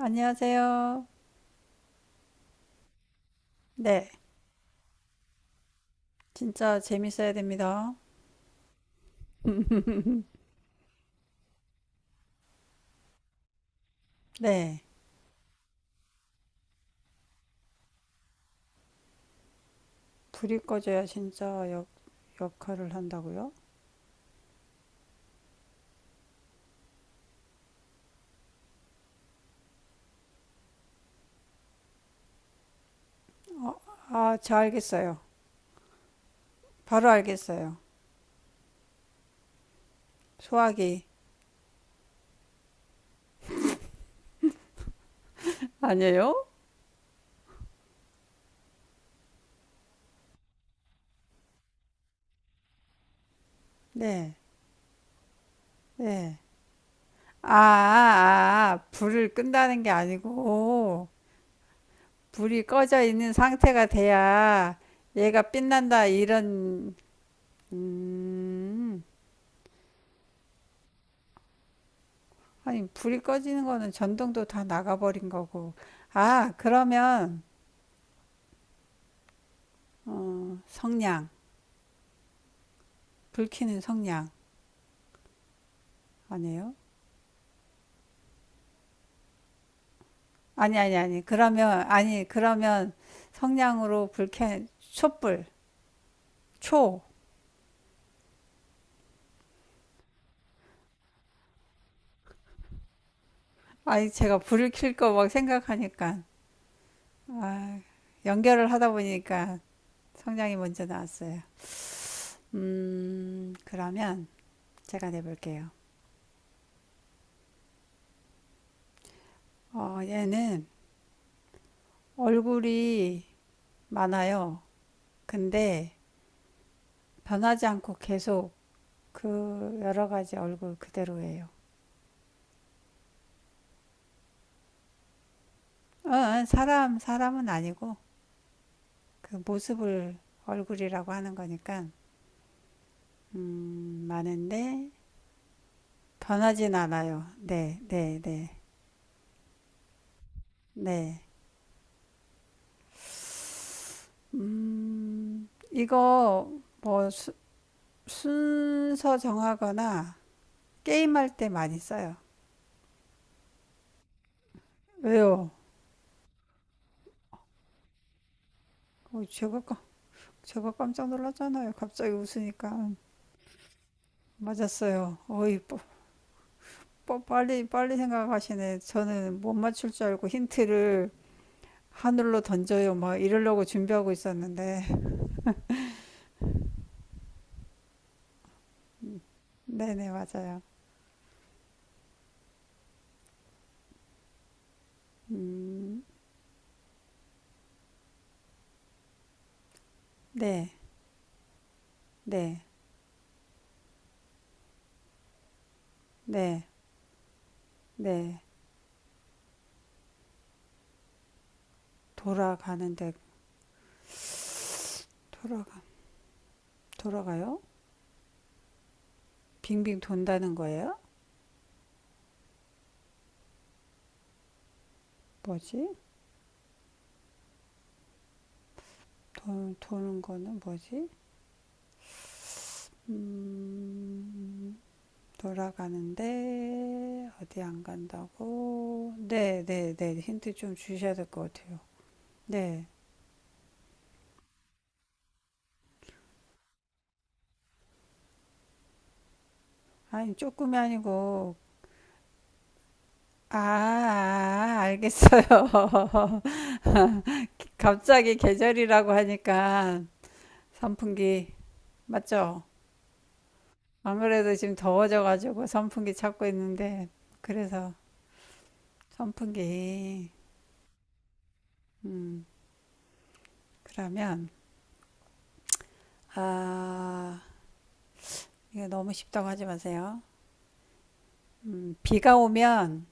안녕하세요. 네, 진짜 재밌어야 됩니다. 네, 불이 꺼져야 진짜 역할을 한다고요? 어, 아, 저 알겠어요. 바로 알겠어요. 소화기. 아니에요? 네, 네. 불을 끈다는 게 아니고, 불이 꺼져 있는 상태가 돼야 얘가 빛난다, 이런, 음, 아니, 불이 꺼지는 거는 전등도 다 나가버린 거고. 아, 그러면 성냥, 불키는 성냥 아니에요? 아니 그러면 성냥으로 불켜 촛불 초 아니 제가 불을 켤 거 막 생각하니까 아, 연결을 하다 보니까 성냥이 먼저 나왔어요. 그러면 제가 내볼게요. 어, 얘는 얼굴이 많아요. 근데 변하지 않고 계속 그 여러 가지 얼굴 그대로예요. 어, 사람 사람은 아니고 그 모습을 얼굴이라고 하는 거니까 많은데 변하진 않아요. 네, 네, 네, 네. 이거 뭐 순서 정하거나 게임할 때 많이 써요. 왜요? 어, 제가 깜짝 놀랐잖아요. 갑자기 웃으니까 맞았어요. 빨리 빨리 생각하시네. 저는 못 맞출 줄 알고 힌트를 하늘로 던져요. 막 이러려고 준비하고 있었는데 네네 맞아요. 음, 네. 네, 네, 네. 돌아가는데, 돌아가, 돌아가요? 빙빙 돈다는 거예요? 뭐지? 도는 거는 뭐지? 음, 돌아가는데, 어디 안 간다고? 네, 네, 네. 힌트 좀 주셔야 될 것 같아요. 네. 아니, 조금이 아니고, 알겠어요. 갑자기 계절이라고 하니까, 선풍기, 맞죠? 아무래도 지금 더워져가지고 선풍기 찾고 있는데, 그래서 선풍기, 음, 그러면, 아, 이 너무 쉽다고 하지 마세요. 비가 오면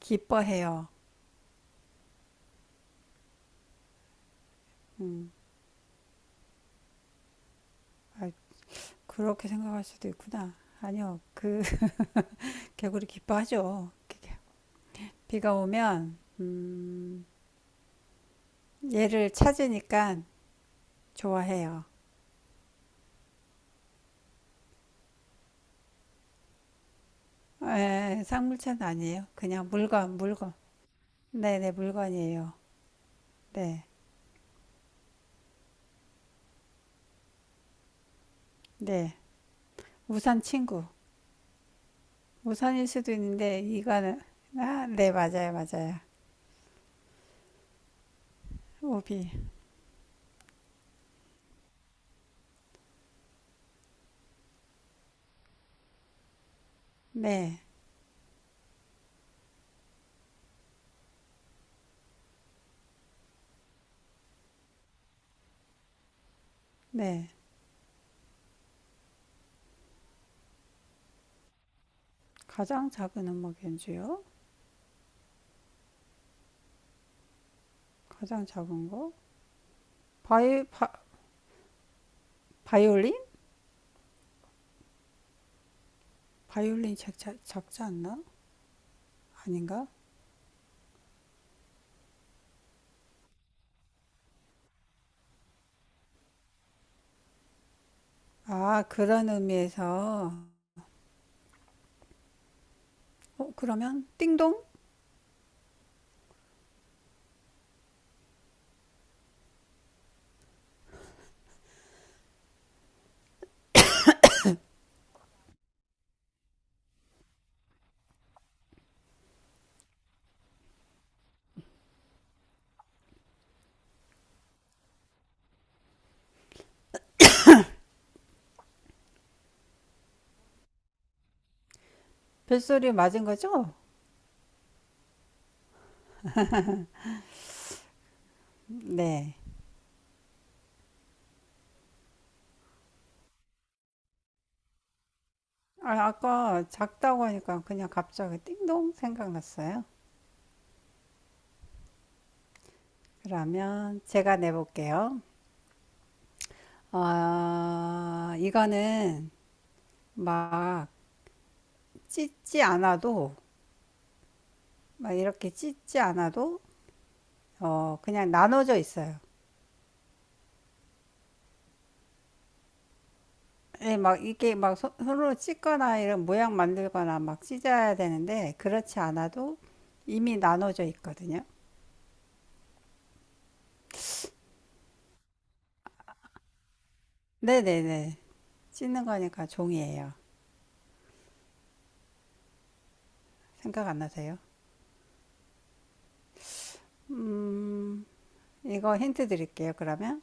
기뻐해요. 음, 아, 그렇게 생각할 수도 있구나. 아니요, 그, 개구리 기뻐하죠. 비가 오면, 얘를 찾으니까 좋아해요. 에, 쌍물차는 아니에요. 그냥 물건. 네네, 물건이에요. 네, 네. 우산 친구. 우산일 수도 있는데 이거는 아, 네, 맞아요, 맞아요. 오비. 네, 네. 가장 작은 음악 연주요? 가장 작은 거? 바이, 바, 바이올린? 바이올린 작지 않나? 아닌가? 아, 그런 의미에서. 어, 그러면 띵동? 벨소리 맞은 거죠? 네. 아, 아까 작다고 하니까 그냥 갑자기 띵동 생각났어요. 그러면 제가 내볼게요. 아, 이거는 막 찢지 않아도 막 이렇게 찢지 않아도 어 그냥 나눠져 있어요. 예, 막 이게 막 손으로 찢거나 이런 모양 만들거나 막 찢어야 되는데 그렇지 않아도 이미 나눠져 있거든요. 네네네. 찢는 거니까 종이에요. 생각 안 나세요? 음, 이거 힌트 드릴게요, 그러면.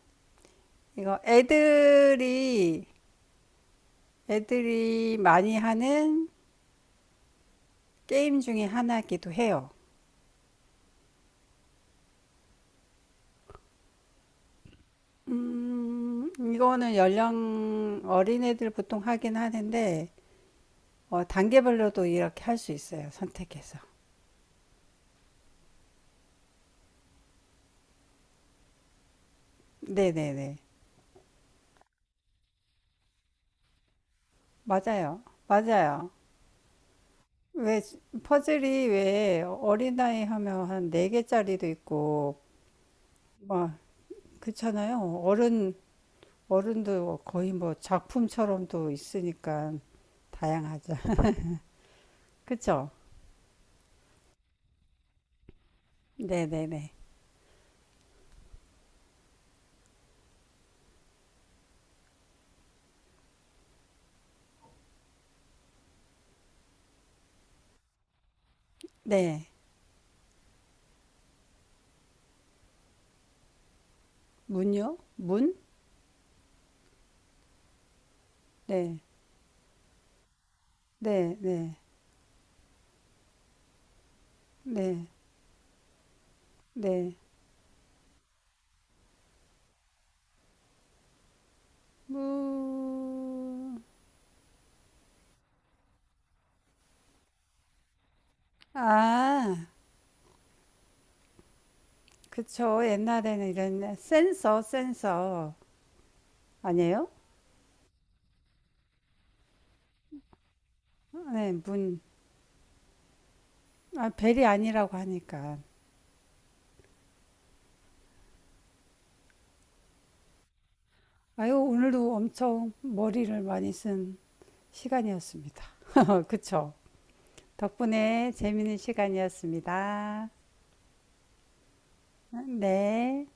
이거 애들이, 애들이 많이 하는 게임 중에 하나이기도 해요. 이거는 연령 어린애들 보통 하긴 하는데 어, 단계별로도 이렇게 할 수 있어요. 선택해서. 네네네. 맞아요. 맞아요. 왜 퍼즐이 왜 어린아이 하면 한 네개짜리도 있고 막 그렇잖아요. 어른 어른도 거의 뭐 작품처럼도 있으니까 다양하죠. 그쵸? 네네네. 네. 문요? 문? 네. 네, 네, 네, 네. 무 아, 그쵸. 옛날에는 이런 센서. 아니에요? 네, 문. 아, 벨이 아니라고 하니까. 아유, 오늘도 엄청 머리를 많이 쓴 시간이었습니다. 그쵸. 덕분에 재밌는 시간이었습니다. 네.